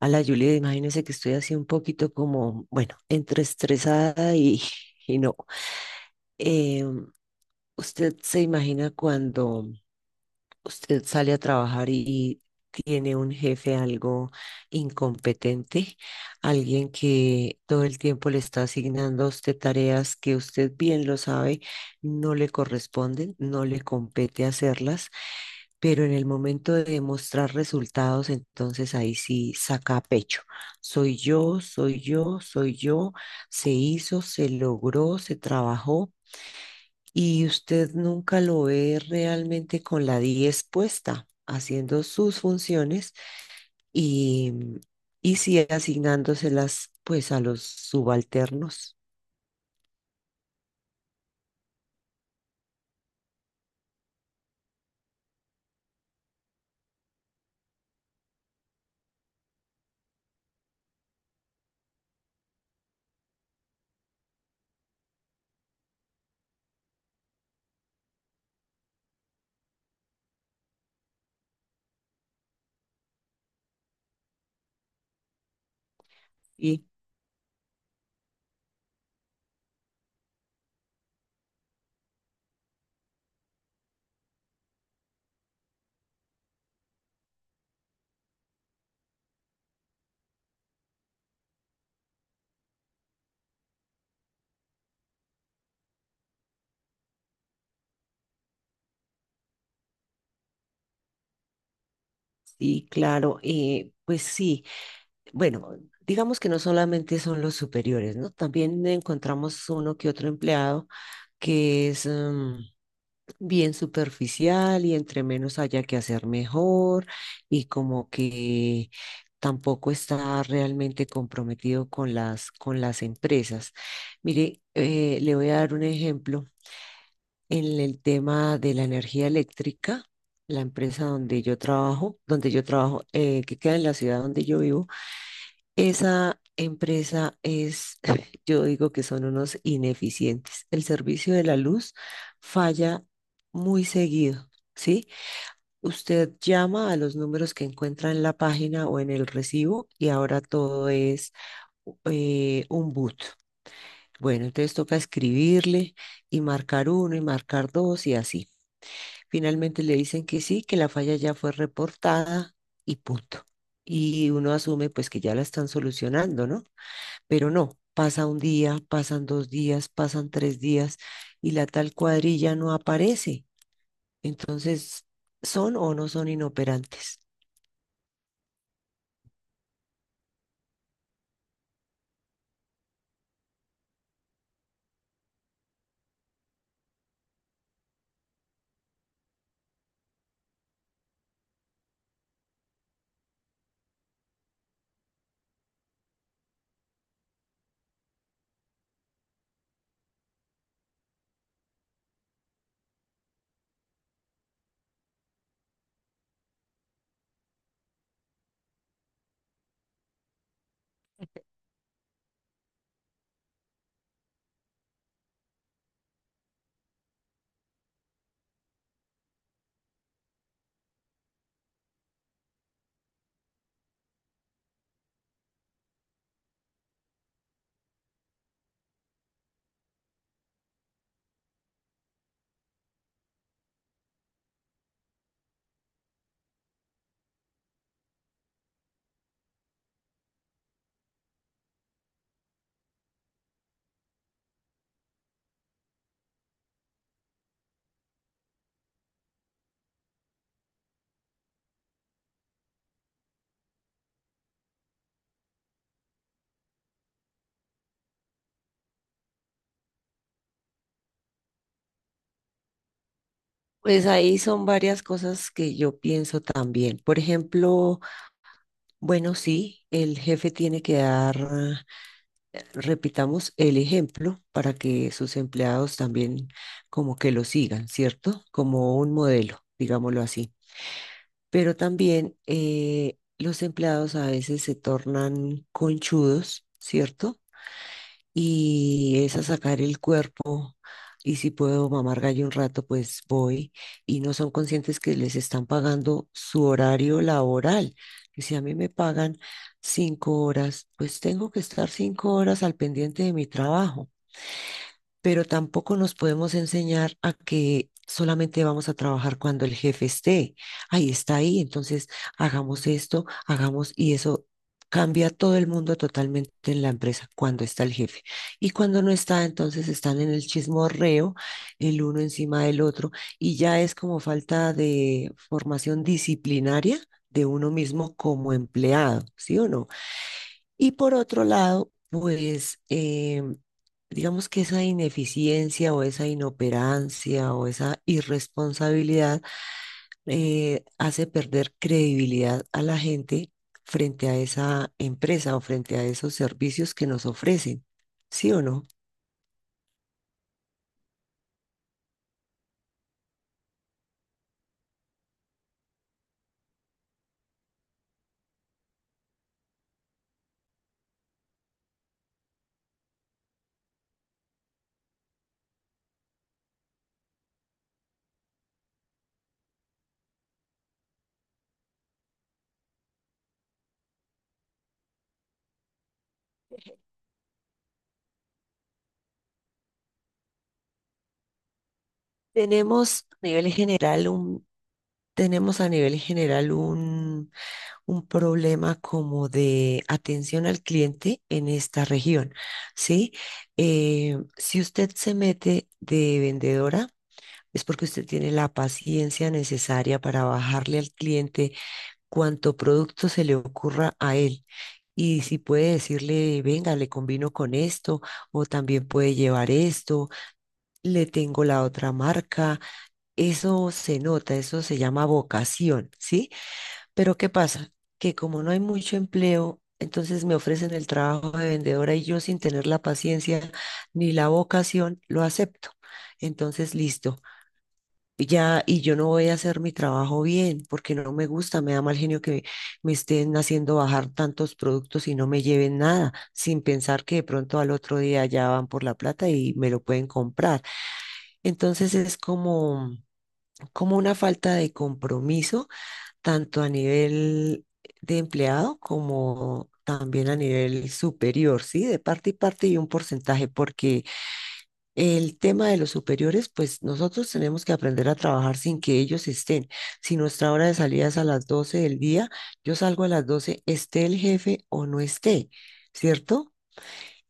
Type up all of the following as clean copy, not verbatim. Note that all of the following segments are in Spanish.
A la Julia, imagínese que estoy así un poquito como, bueno, entre estresada y, y no. Eh, ¿Usted se imagina cuando usted sale a trabajar y tiene un jefe algo incompetente? Alguien que todo el tiempo le está asignando a usted tareas que usted bien lo sabe, no le corresponden, no le compete hacerlas pero en el momento de mostrar resultados, entonces ahí sí saca pecho. Soy yo, soy yo, soy yo, se hizo, se logró, se trabajó y usted nunca lo ve realmente con la 10 puesta, haciendo sus funciones y, y sí asignándoselas pues a los subalternos. Y, y claro, pues sí. Bueno, digamos que no solamente son los superiores, ¿no? También encontramos uno que otro empleado que es bien superficial y entre menos haya que hacer mejor y como que tampoco está realmente comprometido con las empresas. Mire, le voy a dar un ejemplo en el tema de la energía eléctrica. La empresa donde yo trabajo, que queda en la ciudad donde yo vivo, esa empresa es, yo digo que son unos ineficientes. El servicio de la luz falla muy seguido, ¿sí? Usted llama a los números que encuentra en la página o en el recibo y ahora todo es un boot. Bueno, entonces toca escribirle y marcar uno y marcar dos y así. Finalmente le dicen que sí, que la falla ya fue reportada y punto. Y uno asume pues que ya la están solucionando, ¿no? Pero no, pasa un día, pasan 2 días, pasan 3 días y la tal cuadrilla no aparece. Entonces, ¿son o no son inoperantes? Pues ahí son varias cosas que yo pienso también. Por ejemplo, bueno, sí, el jefe tiene que dar, repitamos, el ejemplo para que sus empleados también como que lo sigan, ¿cierto? Como un modelo, digámoslo así. Pero también los empleados a veces se tornan conchudos, ¿cierto? Y es a sacar el cuerpo y si puedo mamar gallo un rato, pues voy y no son conscientes que les están pagando su horario laboral. Y si a mí me pagan 5 horas, pues tengo que estar 5 horas al pendiente de mi trabajo pero tampoco nos podemos enseñar a que solamente vamos a trabajar cuando el jefe esté. Ahí está ahí, entonces hagamos esto, hagamos y eso cambia todo el mundo totalmente en la empresa cuando está el jefe. Y cuando no está, entonces están en el chismorreo, el uno encima del otro, y ya es como falta de formación disciplinaria de uno mismo como empleado, ¿sí o no? Y por otro lado, pues digamos que esa ineficiencia o esa inoperancia o esa irresponsabilidad hace perder credibilidad a la gente frente a esa empresa o frente a esos servicios que nos ofrecen, ¿sí o no? Tenemos a nivel general un, Tenemos a nivel general un problema como de atención al cliente en esta región, ¿sí? Si usted se mete de vendedora, es porque usted tiene la paciencia necesaria para bajarle al cliente cuanto producto se le ocurra a él. Y si puede decirle, venga, le combino con esto, o también puede llevar esto, le tengo la otra marca, eso se nota, eso se llama vocación, ¿sí? Pero ¿qué pasa? Que como no hay mucho empleo, entonces me ofrecen el trabajo de vendedora y yo sin tener la paciencia ni la vocación, lo acepto. Entonces, listo. Ya, y yo no voy a hacer mi trabajo bien porque no me gusta, me da mal genio que me estén haciendo bajar tantos productos y no me lleven nada, sin pensar que de pronto al otro día ya van por la plata y me lo pueden comprar. Entonces es como, como una falta de compromiso tanto a nivel de empleado como también a nivel superior, ¿sí? De parte y parte y un porcentaje, porque el tema de los superiores, pues nosotros tenemos que aprender a trabajar sin que ellos estén. Si nuestra hora de salida es a las 12 del día, yo salgo a las 12, esté el jefe o no esté, ¿cierto?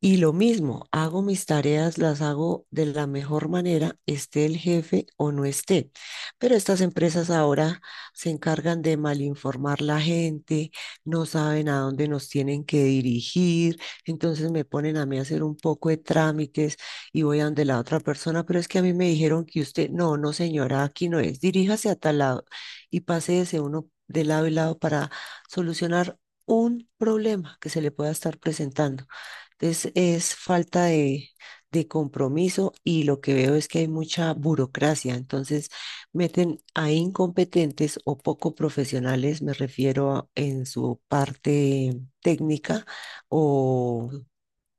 Y lo mismo, hago mis tareas, las hago de la mejor manera, esté el jefe o no esté. Pero estas empresas ahora se encargan de malinformar la gente, no saben a dónde nos tienen que dirigir, entonces me ponen a mí a hacer un poco de trámites y voy a donde la otra persona, pero es que a mí me dijeron que usted, no, no señora, aquí no es, diríjase a tal lado y paséese uno de lado y lado para solucionar un problema que se le pueda estar presentando. Entonces es falta de compromiso y lo que veo es que hay mucha burocracia. Entonces meten a incompetentes o poco profesionales, me refiero en su parte técnica o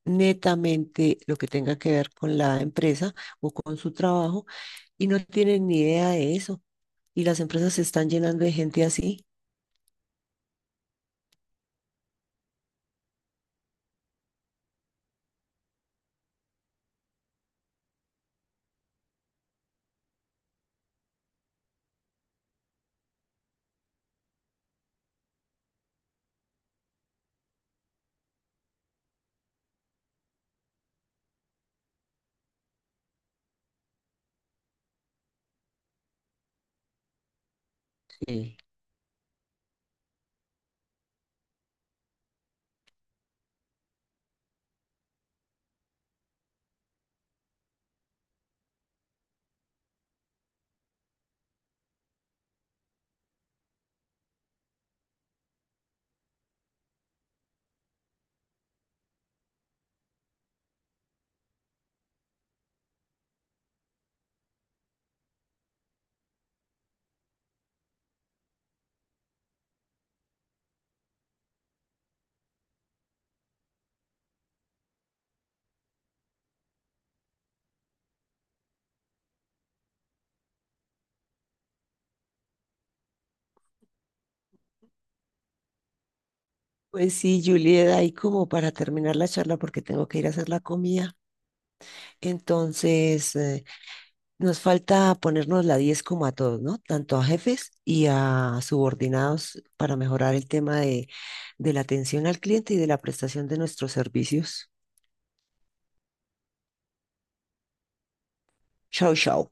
netamente lo que tenga que ver con la empresa o con su trabajo y no tienen ni idea de eso. Y las empresas se están llenando de gente así. Sí. Pues sí, Julieta, y como para terminar la charla porque tengo que ir a hacer la comida. Entonces, nos falta ponernos la 10 como a todos, ¿no? Tanto a jefes y a subordinados para mejorar el tema de la atención al cliente y de la prestación de nuestros servicios. Chao, chao.